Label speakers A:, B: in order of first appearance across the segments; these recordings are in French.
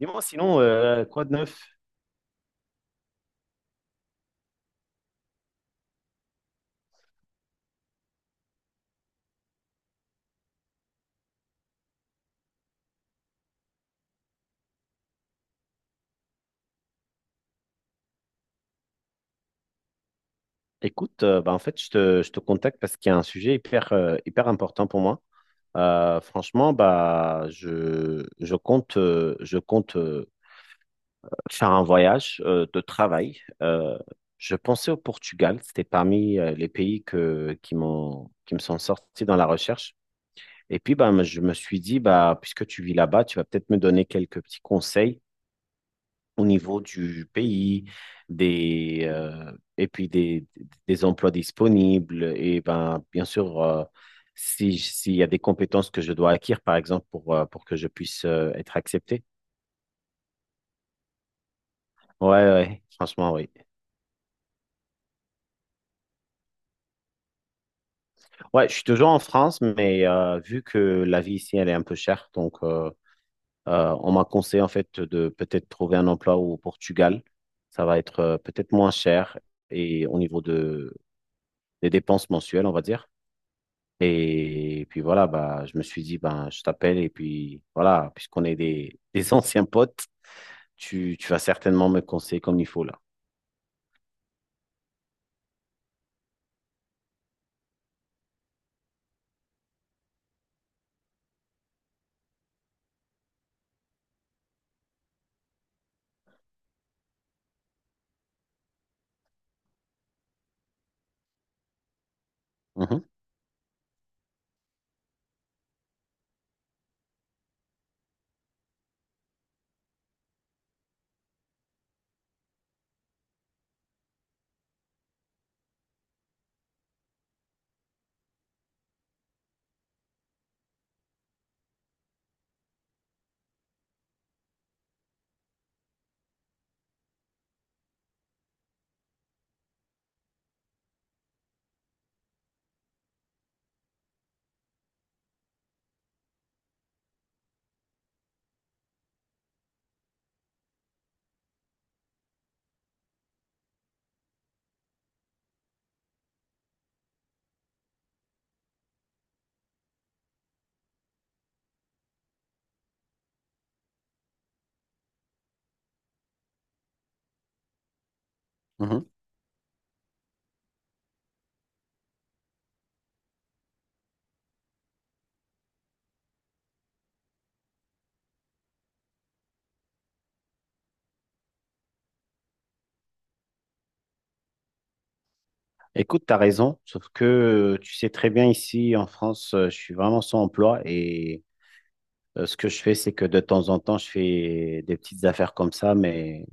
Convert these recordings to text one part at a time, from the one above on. A: Dis-moi sinon, quoi de neuf? Écoute, bah, en fait, je te contacte parce qu'il y a un sujet hyper, hyper important pour moi. Franchement, bah, je compte faire un voyage de travail. Je pensais au Portugal, c'était parmi les pays qui m'ont, qui me sont sortis dans la recherche. Et puis, bah, je me suis dit, bah, puisque tu vis là-bas, tu vas peut-être me donner quelques petits conseils au niveau du pays, des, euh, et puis des emplois disponibles. Et ben, bien sûr, si, s'il y a des compétences que je dois acquérir, par exemple, pour que je puisse être accepté. Ouais, ouais, franchement, oui. Ouais, je suis toujours en France, mais vu que la vie ici, elle est un peu chère, on m'a conseillé en fait de peut-être trouver un emploi au Portugal. Ça va être peut-être moins cher et au niveau des dépenses mensuelles, on va dire. Et puis voilà, bah, je me suis dit, ben, je t'appelle et puis voilà, puisqu'on est des anciens potes, tu vas certainement me conseiller comme il faut là. Mhm, mhm. Écoute, tu as raison, sauf que tu sais très bien ici en France, je suis vraiment sans emploi et ce que je fais, c'est que de temps en temps, je fais des petites affaires comme ça, mais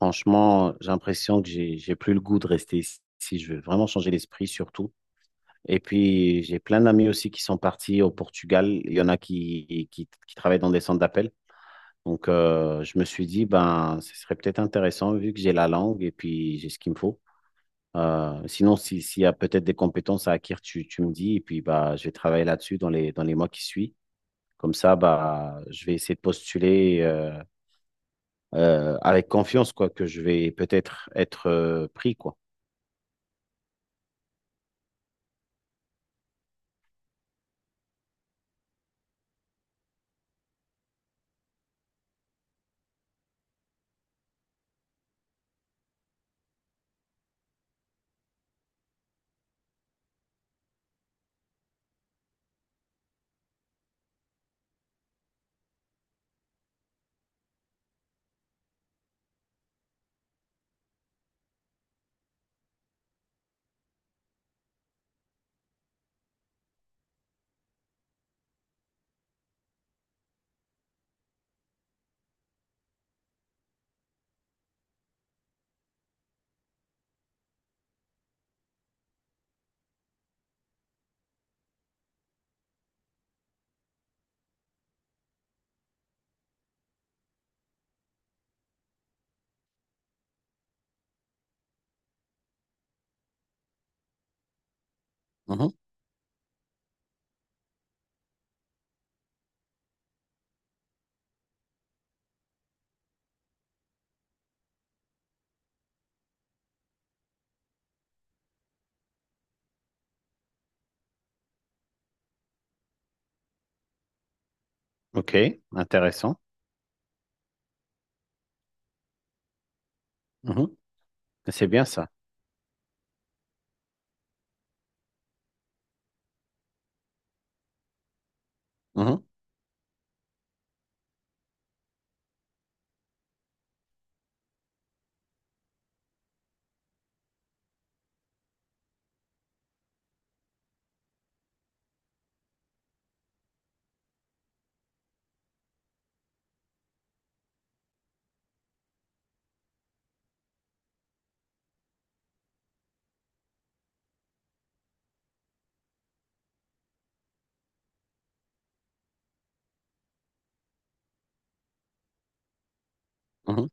A: franchement, j'ai l'impression que j'ai plus le goût de rester ici. Si je veux vraiment changer l'esprit surtout. Et puis, j'ai plein d'amis aussi qui sont partis au Portugal. Il y en a qui travaillent dans des centres d'appel. Donc, je me suis dit, ben, ce serait peut-être intéressant vu que j'ai la langue et puis j'ai ce qu'il me faut. Sinon, s'il y a peut-être des compétences à acquérir, tu me dis, et puis bah, je vais travailler là-dessus dans les mois qui suivent. Comme ça, bah, je vais essayer de postuler avec confiance, quoi, que je vais peut-être être, pris, quoi. Mhm. Ok, intéressant. Mhm. C'est bien ça. Mhm. Mhm.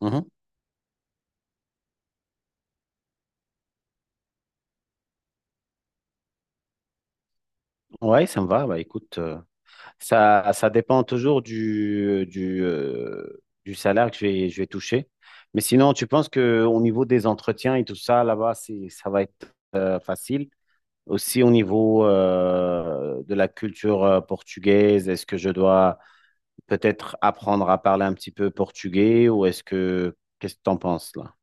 A: Mhm. Ouais, ça me va. Bah, écoute, ça dépend toujours du salaire que je vais toucher. Mais sinon, tu penses que au niveau des entretiens et tout ça, là-bas, ça va être facile. Aussi au niveau de la culture portugaise, est-ce que je dois peut-être apprendre à parler un petit peu portugais ou est-ce que qu'est-ce que t'en penses là?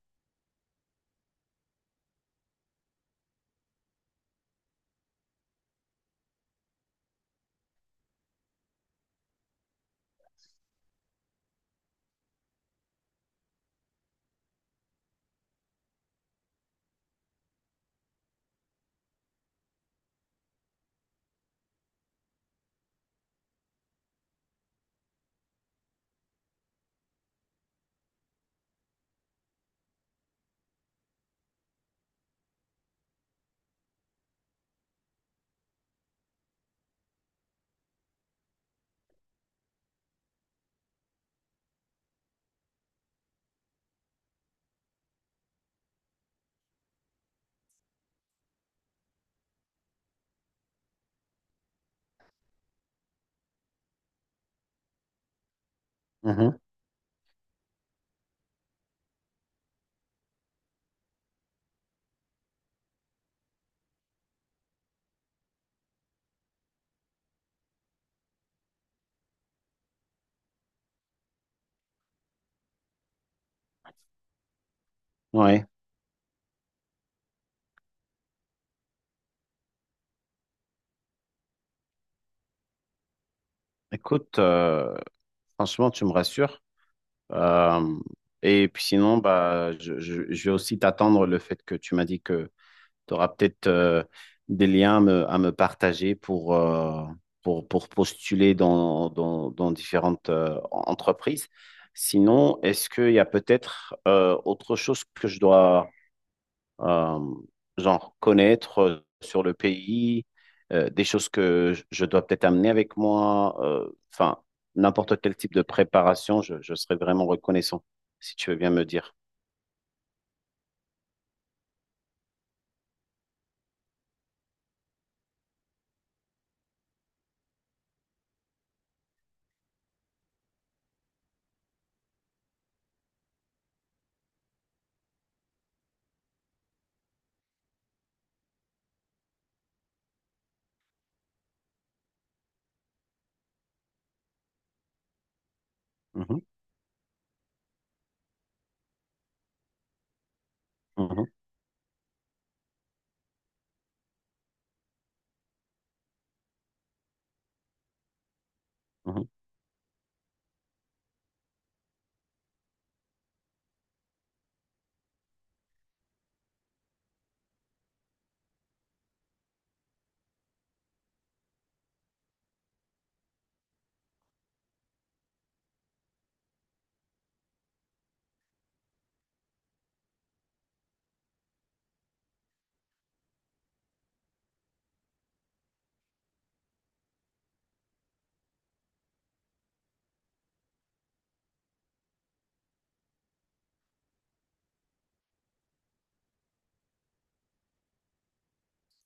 A: Mhm. Ouais. Écoute, franchement, tu me rassures. Euh, et puis sinon, bah, je vais aussi t'attendre le fait que tu m'as dit que tu auras peut-être des liens à me partager pour postuler dans différentes entreprises. Sinon, est-ce qu'il y a peut-être autre chose que je dois euh, genre connaître sur le pays, des choses que je dois peut-être amener avec moi, enfin, n'importe quel type de préparation, je serais vraiment reconnaissant, si tu veux bien me dire. Mhm, mhm, mhm.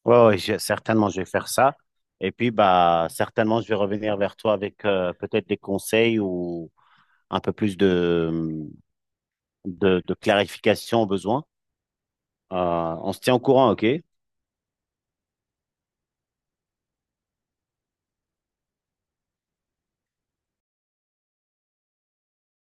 A: Ouais, ouais, certainement, je vais faire ça. Et puis, bah, certainement, je vais revenir vers toi avec peut-être des conseils ou un peu plus de clarification au besoin. Euh, on se tient au courant, OK?